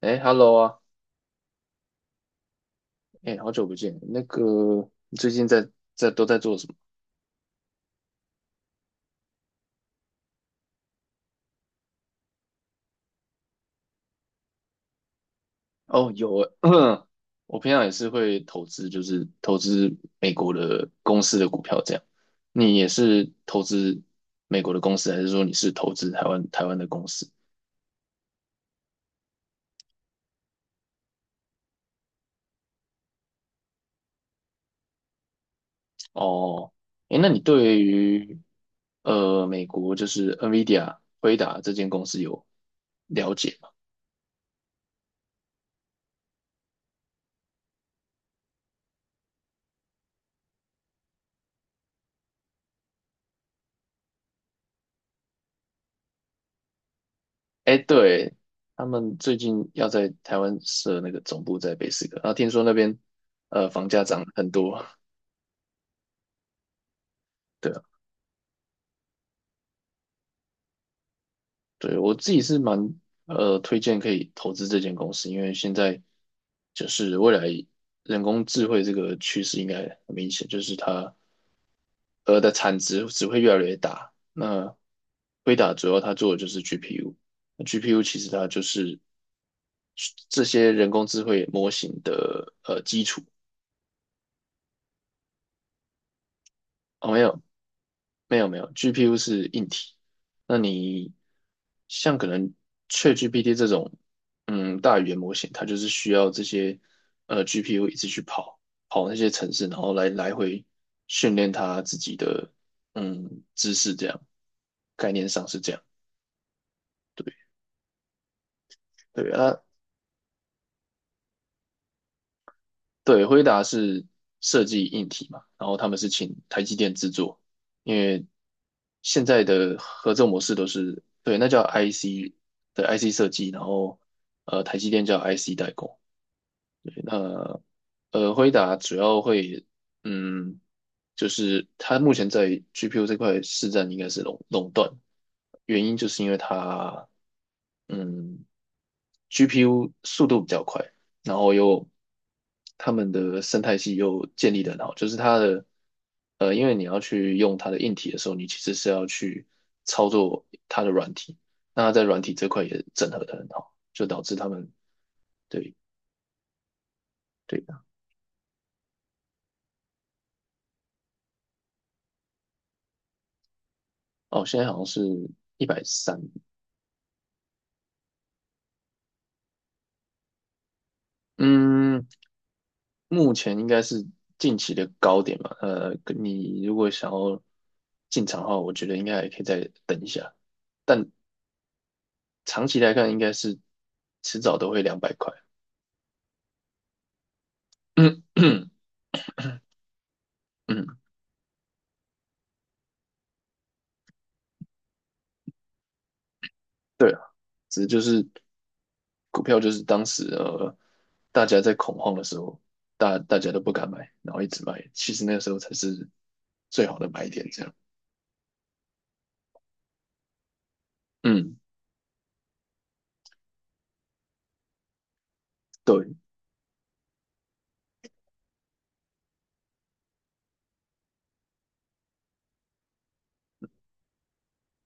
哎，Hello 啊，哎，好久不见。那个，你最近在都在做什么？哦，有诶，我平常也是会投资，就是投资美国的公司的股票这样。你也是投资美国的公司，还是说你是投资台湾的公司？哦，哎，那你对于美国就是 NVIDIA 辉达这间公司有了解。哎，对，他们最近要在台湾设那个总部在北斯科，然后听说那边房价涨很多，对啊，对我自己是蛮推荐可以投资这间公司，因为现在就是未来人工智慧这个趋势应该很明显，就是它的产值只会越来越大。那辉达主要它做的就是 GPU，那 GPU 其实它就是这些人工智慧模型的基础。哦，没有没有没有，GPU 是硬体。那你像可能 ChatGPT 这种，大语言模型，它就是需要这些GPU 一直去跑那些程式，然后来回训练它自己的知识，这样概念上是这样。对对啊，对，辉达是设计硬体嘛，然后他们是请台积电制作，因为现在的合作模式都是，对，那叫 IC 的 IC 设计，然后台积电叫 IC 代工，呃辉达主要会，嗯，就是它目前在 GPU 这块市占应该是垄断，原因就是因为它，嗯，GPU 速度比较快，然后又他们的生态系又建立的很好，就是它的，因为你要去用它的硬体的时候，你其实是要去操作它的软体，那它在软体这块也整合的很好，就导致他们对。对哦，现在好像是130，嗯，目前应该是近期的高点吧。你如果想要进场的话，我觉得应该还可以再等一下，但长期来看，应该是迟早都会200块。嗯嗯，对啊，只是就是股票就是当时大家在恐慌的时候，大家都不敢买，然后一直卖，其实那个时候才是最好的买点，这样。嗯，对，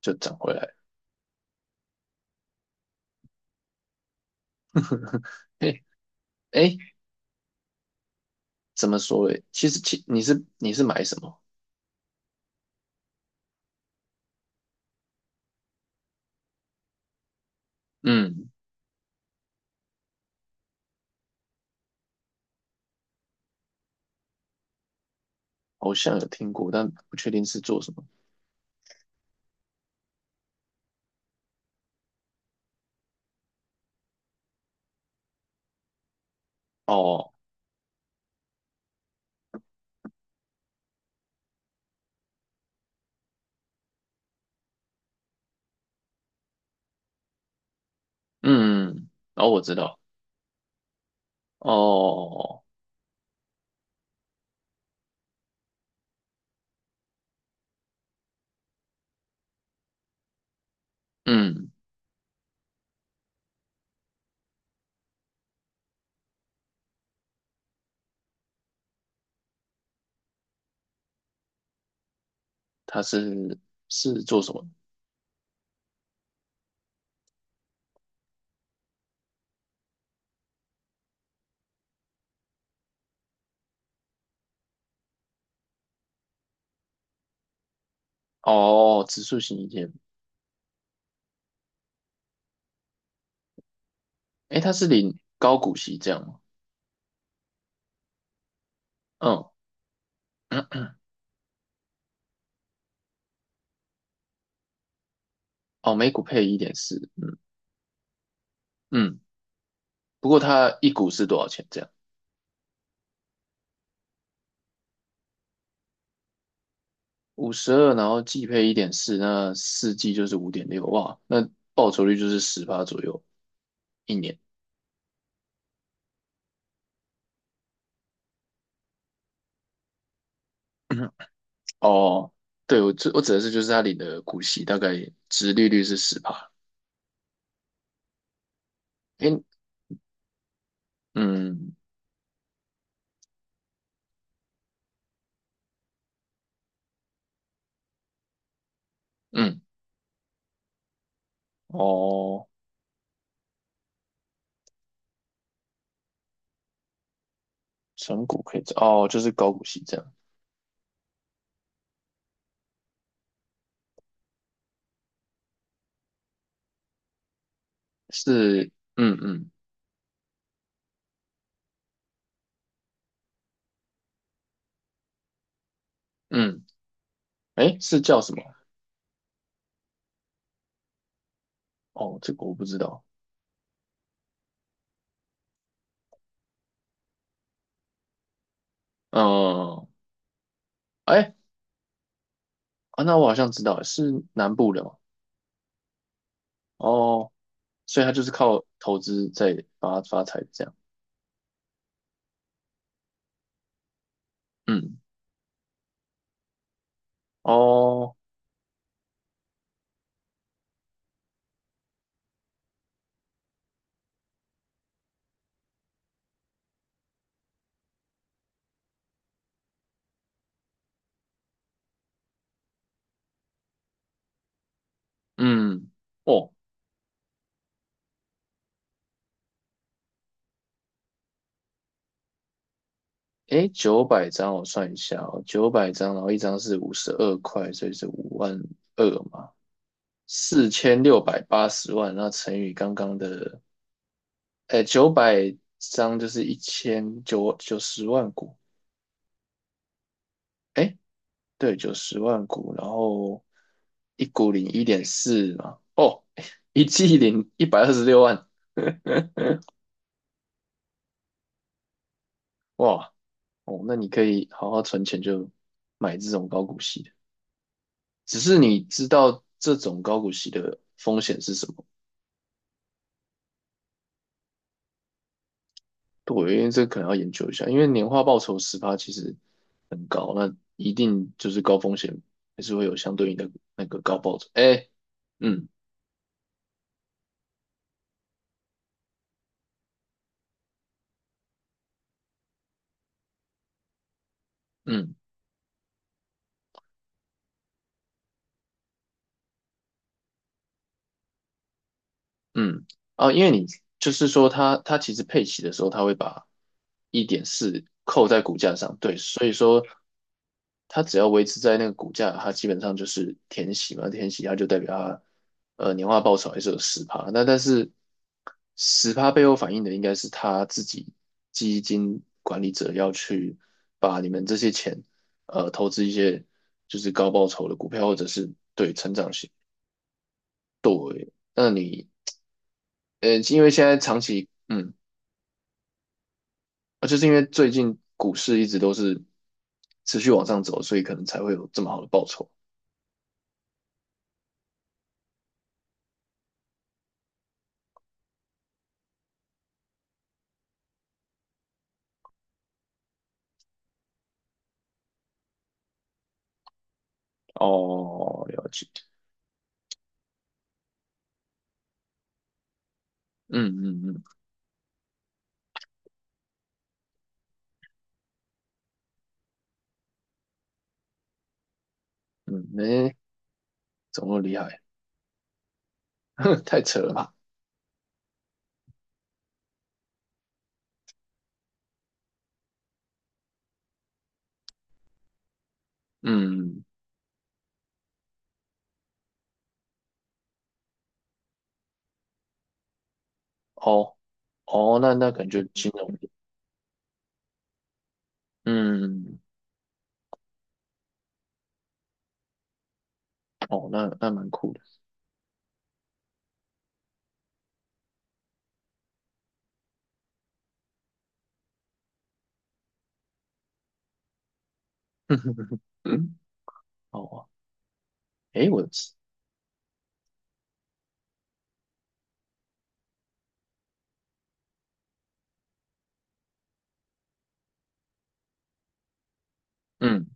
就涨回来。嘿，哎，怎么说诶？其实你是买什么？嗯，好像有听过，但不确定是做什么。哦，嗯，哦，我知道。哦，嗯，它是做什么？哦，指数型 ETF。诶，它是领高股息这样吗？嗯，哦，每股配一点四。嗯嗯，不过它一股是多少钱？这样五十二，五十二然后季配一点四，那四季就是5.6。哇，那报酬率就是18左右一年。哦，对，我指的是就是他领的股息大概殖利率是十趴。诶，嗯嗯，哦，存股可以这哦，就是高股息这样，是，嗯嗯嗯，诶，是叫什么？哦，这个我不知道。嗯，诶，啊，那我好像知道，是南部的嘛。哦，所以他就是靠投资在发财这样。嗯，哦，嗯。哦，诶，九百张我算一下哦，九百张，然后一张是52块，所以是52,000嘛，4,680万，那乘以刚刚的，诶，九百张就是一千九九十万股，诶，对，九十万股，然后一股领一点四嘛，哦，一季领126万，哇，哦，那你可以好好存钱就买这种高股息的，只是你知道这种高股息的风险是什么？对，因为这可能要研究一下，因为年化报酬十趴其实很高，那一定就是高风险，还是会有相对应的那个高报酬。哎，嗯嗯嗯，啊，因为你就是说它其实配齐的时候，它会把一点四扣在股价上，对，所以说它只要维持在那个股价，它基本上就是填息嘛，填息它就代表它年化报酬还是有十趴。那但是十趴背后反映的应该是他自己基金管理者要去把你们这些钱投资一些就是高报酬的股票或者是对成长型。那你因为现在长期。啊，就是因为最近股市一直都是持续往上走，所以可能才会有这么好的报酬。哦，了解。嗯嗯嗯。嗯，诶，怎么那么厉害？太扯了吧？嗯，哦，哦，那感觉金融业，嗯，哦，那蛮酷的，嗯，哦，诶，我，嗯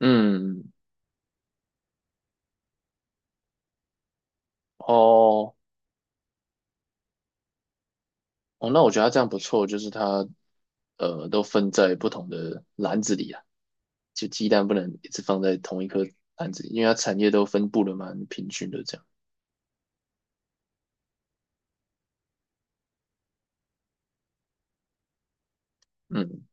嗯，哦哦，那我觉得他这样不错，就是他，都分在不同的篮子里啊，就鸡蛋不能一直放在同一颗篮子里，因为它产业都分布的蛮平均的，这样，嗯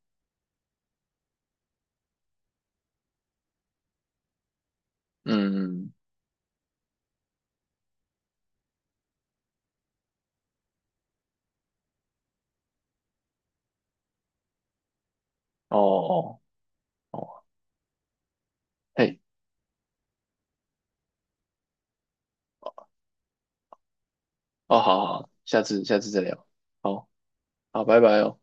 嗯，嗯哦哦哦，嘿。哦，好好，好下次再聊，好好，拜拜哦。